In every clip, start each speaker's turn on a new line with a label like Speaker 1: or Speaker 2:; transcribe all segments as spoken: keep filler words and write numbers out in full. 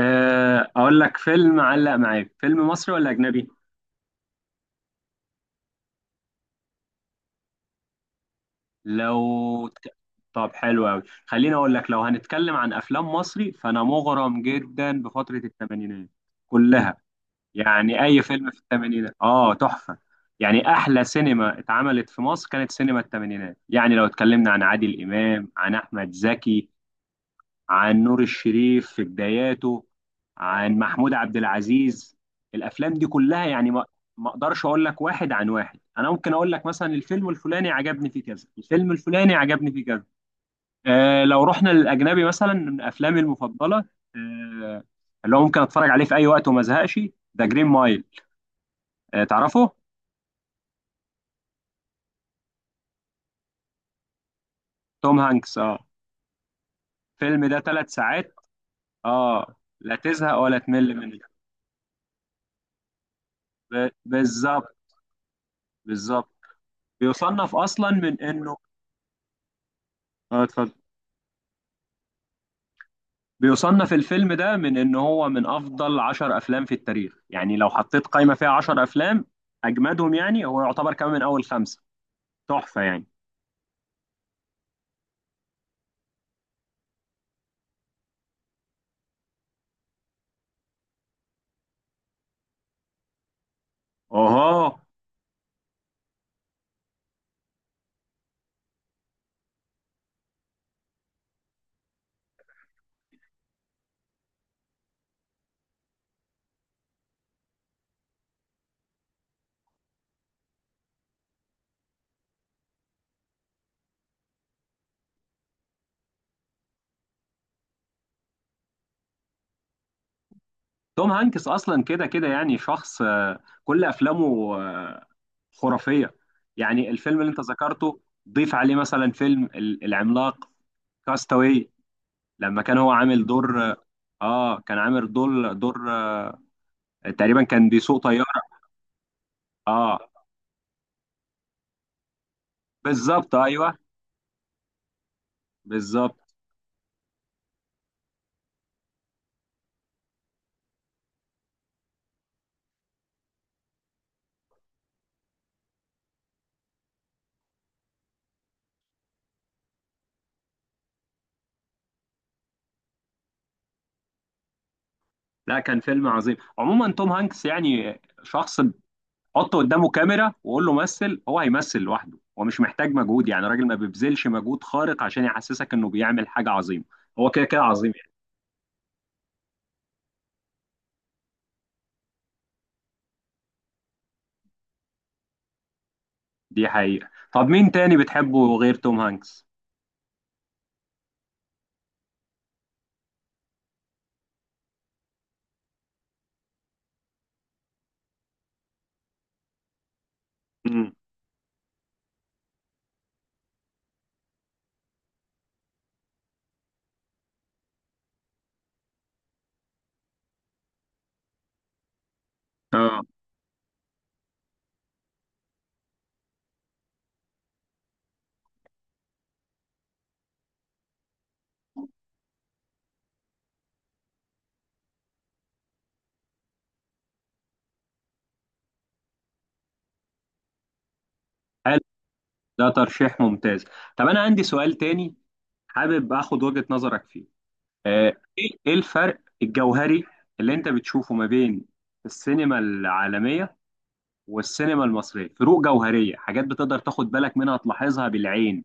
Speaker 1: آه، اقول لك، فيلم علق معاك فيلم مصري ولا اجنبي؟ لو ت- طب حلو قوي، خليني اقول لك. لو هنتكلم عن افلام مصري فانا مغرم جدا بفترة الثمانينات كلها. يعني اي فيلم في الثمانينات اه تحفة. يعني احلى سينما اتعملت في مصر كانت سينما الثمانينات. يعني لو اتكلمنا عن عادل امام، عن احمد زكي، عن نور الشريف في بداياته، عن محمود عبد العزيز، الافلام دي كلها يعني ما ما اقدرش اقول لك واحد عن واحد. انا ممكن اقول لك مثلا الفيلم الفلاني عجبني فيه كذا، الفيلم الفلاني عجبني فيه كذا. آه لو رحنا للاجنبي مثلا، من افلامي المفضله، آه اللي هو ممكن اتفرج عليه في اي وقت وما ازهقش، ذا جرين مايل. آه، تعرفه؟ توم هانكس، اه. الفيلم ده ثلاث ساعات، اه، لا تزهق ولا تمل منه. ب- بالظبط بالظبط. بيصنف اصلا من انه، اه، اتفضل. بيصنف الفيلم ده من ان هو من افضل عشر افلام في التاريخ. يعني لو حطيت قائمة فيها عشر افلام اجمدهم، يعني هو يعتبر كمان من اول خمسة. تحفة يعني. اوه، توم هانكس اصلا كده كده يعني شخص، آه، كل افلامه آه، خرافية. يعني الفيلم اللي انت ذكرته، ضيف عليه مثلا فيلم ال- العملاق، كاستاوي، لما كان هو عامل دور، اه، آه، كان عامل دور دور آه، تقريبا كان بيسوق طيارة. اه بالظبط، ايوه، بالظبط. لا كان فيلم عظيم. عموما توم هانكس يعني شخص، حط قدامه كاميرا وقول له مثل، هو هيمثل لوحده. هو مش محتاج مجهود. يعني راجل ما بيبذلش مجهود خارق عشان يحسسك انه بيعمل حاجة عظيمة. هو كده كده عظيم يعني. دي حقيقة. طب مين تاني بتحبه غير توم هانكس؟ امم، اه، حلو، ده ترشيح ممتاز. طب انا عندي سؤال تاني، حابب اخد وجهة نظرك فيه. آه، ايه إيه الفرق الجوهري اللي انت بتشوفه ما بين السينما العالمية والسينما المصرية؟ فروق جوهرية، حاجات بتقدر تاخد بالك منها، تلاحظها بالعين.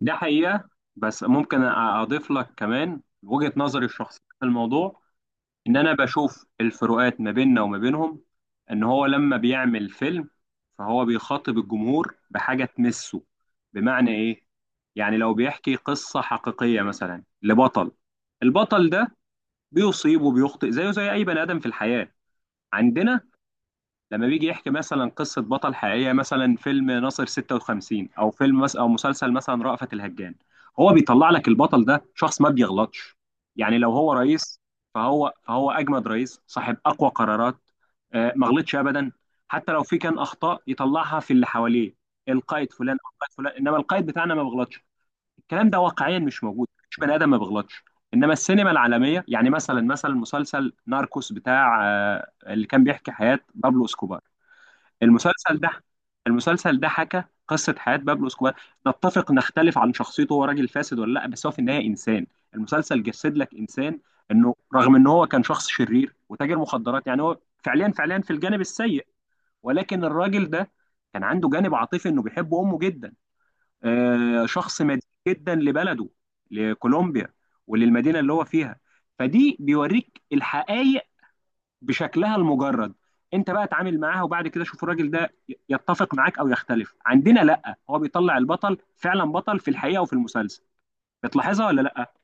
Speaker 1: ده حقيقة. بس ممكن أضيف لك كمان وجهة نظري الشخصية في الموضوع. إن أنا بشوف الفروقات ما بيننا وما بينهم، إن هو لما بيعمل فيلم فهو بيخاطب الجمهور بحاجة تمسه. بمعنى إيه؟ يعني لو بيحكي قصة حقيقية مثلا لبطل، البطل ده بيصيب وبيخطئ زيه زي أي بني آدم في الحياة. عندنا لما بيجي يحكي مثلا قصة بطل حقيقية، مثلا فيلم ناصر ستة وخمسين أو فيلم مثلا، أو مسلسل مثلا رأفت الهجان، هو بيطلع لك البطل ده شخص ما بيغلطش. يعني لو هو رئيس فهو فهو أجمد رئيس، صاحب أقوى قرارات، آه، ما غلطش أبدا. حتى لو في كان أخطاء يطلعها في اللي حواليه، القائد فلان، القائد فلان، إنما القائد بتاعنا ما بيغلطش. الكلام ده واقعيا مش موجود، مش بني آدم ما بيغلطش. إنما السينما العالمية، يعني مثلا مثلا مسلسل ناركوس بتاع، آه، اللي كان بيحكي حياة بابلو اسكوبار، المسلسل ده المسلسل ده حكى قصة حياة بابلو اسكوبار. نتفق نختلف عن شخصيته، هو راجل فاسد ولا لا، بس هو في النهاية إنسان. المسلسل جسد لك إنسان، إنه رغم إن هو كان شخص شرير وتاجر مخدرات، يعني هو فعليا فعليا في الجانب السيء، ولكن الراجل ده كان عنده جانب عاطفي، إنه بيحب أمه جدا، آه، شخص مدين جدا لبلده، لكولومبيا وللمدينة اللي هو فيها. فدي بيوريك الحقائق بشكلها المجرد. انت بقى اتعامل معاها، وبعد كده شوف الراجل ده يتفق معاك او يختلف. عندنا لا، هو بيطلع البطل فعلا بطل في الحقيقه وفي المسلسل. بتلاحظها ولا لا؟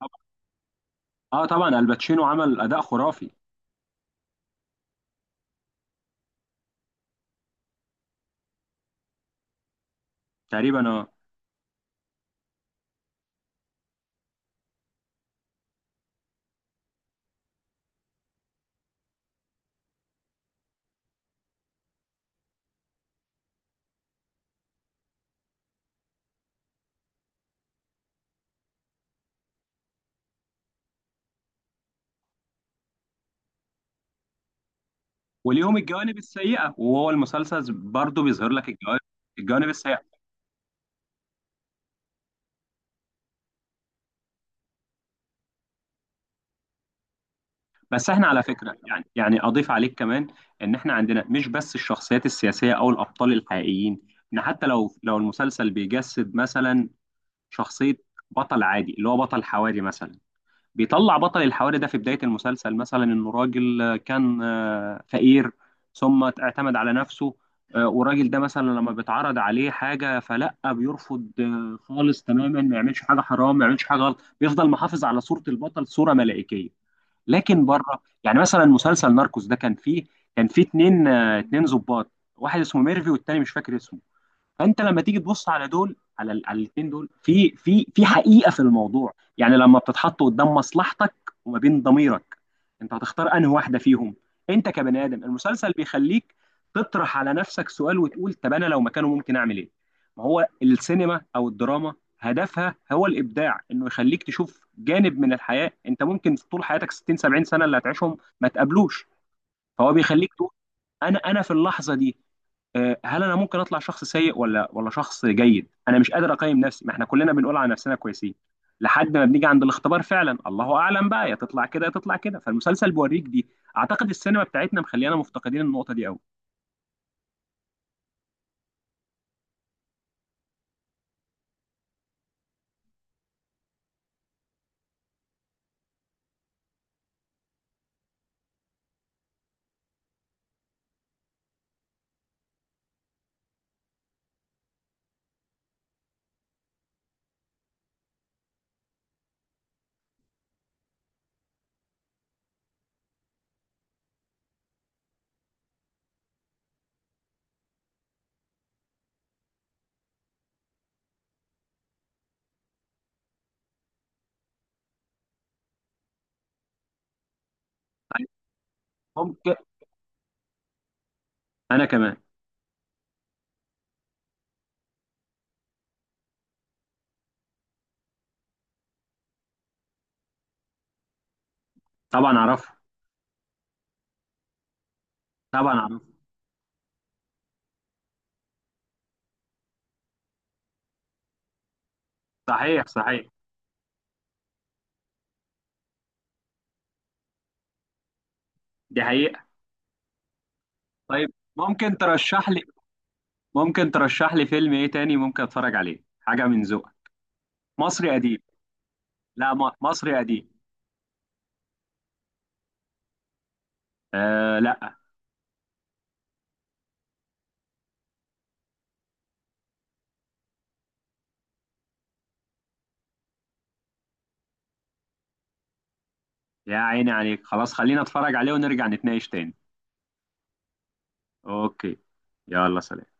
Speaker 1: اه، آه، طبعا الباتشينو عمل اداء خرافي. تقريبا اه. وليهم الجوانب السيئه، وهو المسلسل برضه بيظهر لك الجوانب الجوانب السيئه. بس احنا على فكره، يعني يعني اضيف عليك كمان، ان احنا عندنا مش بس الشخصيات السياسيه او الابطال الحقيقيين، ان حتى لو لو المسلسل بيجسد مثلا شخصية بطل عادي، اللي هو بطل حواري مثلا، بيطلع بطل الحواري ده في بداية المسلسل مثلا إنه راجل، آه، كان، آه، فقير ثم اعتمد على نفسه. آه، والراجل ده مثلا لما بيتعرض عليه حاجة فلأ بيرفض، آه، خالص تماما، ما يعملش حاجة حرام، ما يعملش حاجة غلط، بيفضل محافظ على صورة البطل، صورة ملائكية. لكن بره، يعني مثلا مسلسل ناركوس ده كان فيه كان فيه اتنين، آه، اتنين ظباط، واحد اسمه ميرفي والتاني مش فاكر اسمه. فانت لما تيجي تبص على دول، على ال- على الاثنين دول في في في حقيقه في الموضوع، يعني لما بتتحط قدام مصلحتك وما بين ضميرك، انت هتختار انهي واحده فيهم؟ انت كبني ادم، المسلسل بيخليك تطرح على نفسك سؤال وتقول طب انا لو مكانه ممكن اعمل ايه. ما هو السينما او الدراما هدفها هو الابداع، انه يخليك تشوف جانب من الحياه انت ممكن طول حياتك ستين سبعين سنه اللي هتعيشهم ما تقابلوش. فهو بيخليك تقول انا انا في اللحظه دي، آه، هل انا ممكن اطلع شخص سيء ولا ولا شخص جيد؟ انا مش قادر اقيم نفسي، ما احنا كلنا بنقول على نفسنا كويسين لحد ما بنيجي عند الاختبار. فعلا الله اعلم بقى، يا تطلع كده يا تطلع كده. فالمسلسل بيوريك دي. اعتقد السينما بتاعتنا مخلينا مفتقدين النقطه دي قوي. ممكن، انا كمان. طبعا اعرفه. طبعا اعرفه. صحيح صحيح. دي حقيقه. طيب ممكن ترشح لي، ممكن ترشح لي فيلم ايه تاني ممكن اتفرج عليه، حاجه من ذوقك، مصري قديم. لا، م- مصري قديم. آه لا. يا عيني عليك، خلاص خلينا اتفرج عليه ونرجع نتناقش تاني. اوكي، يلا سلام.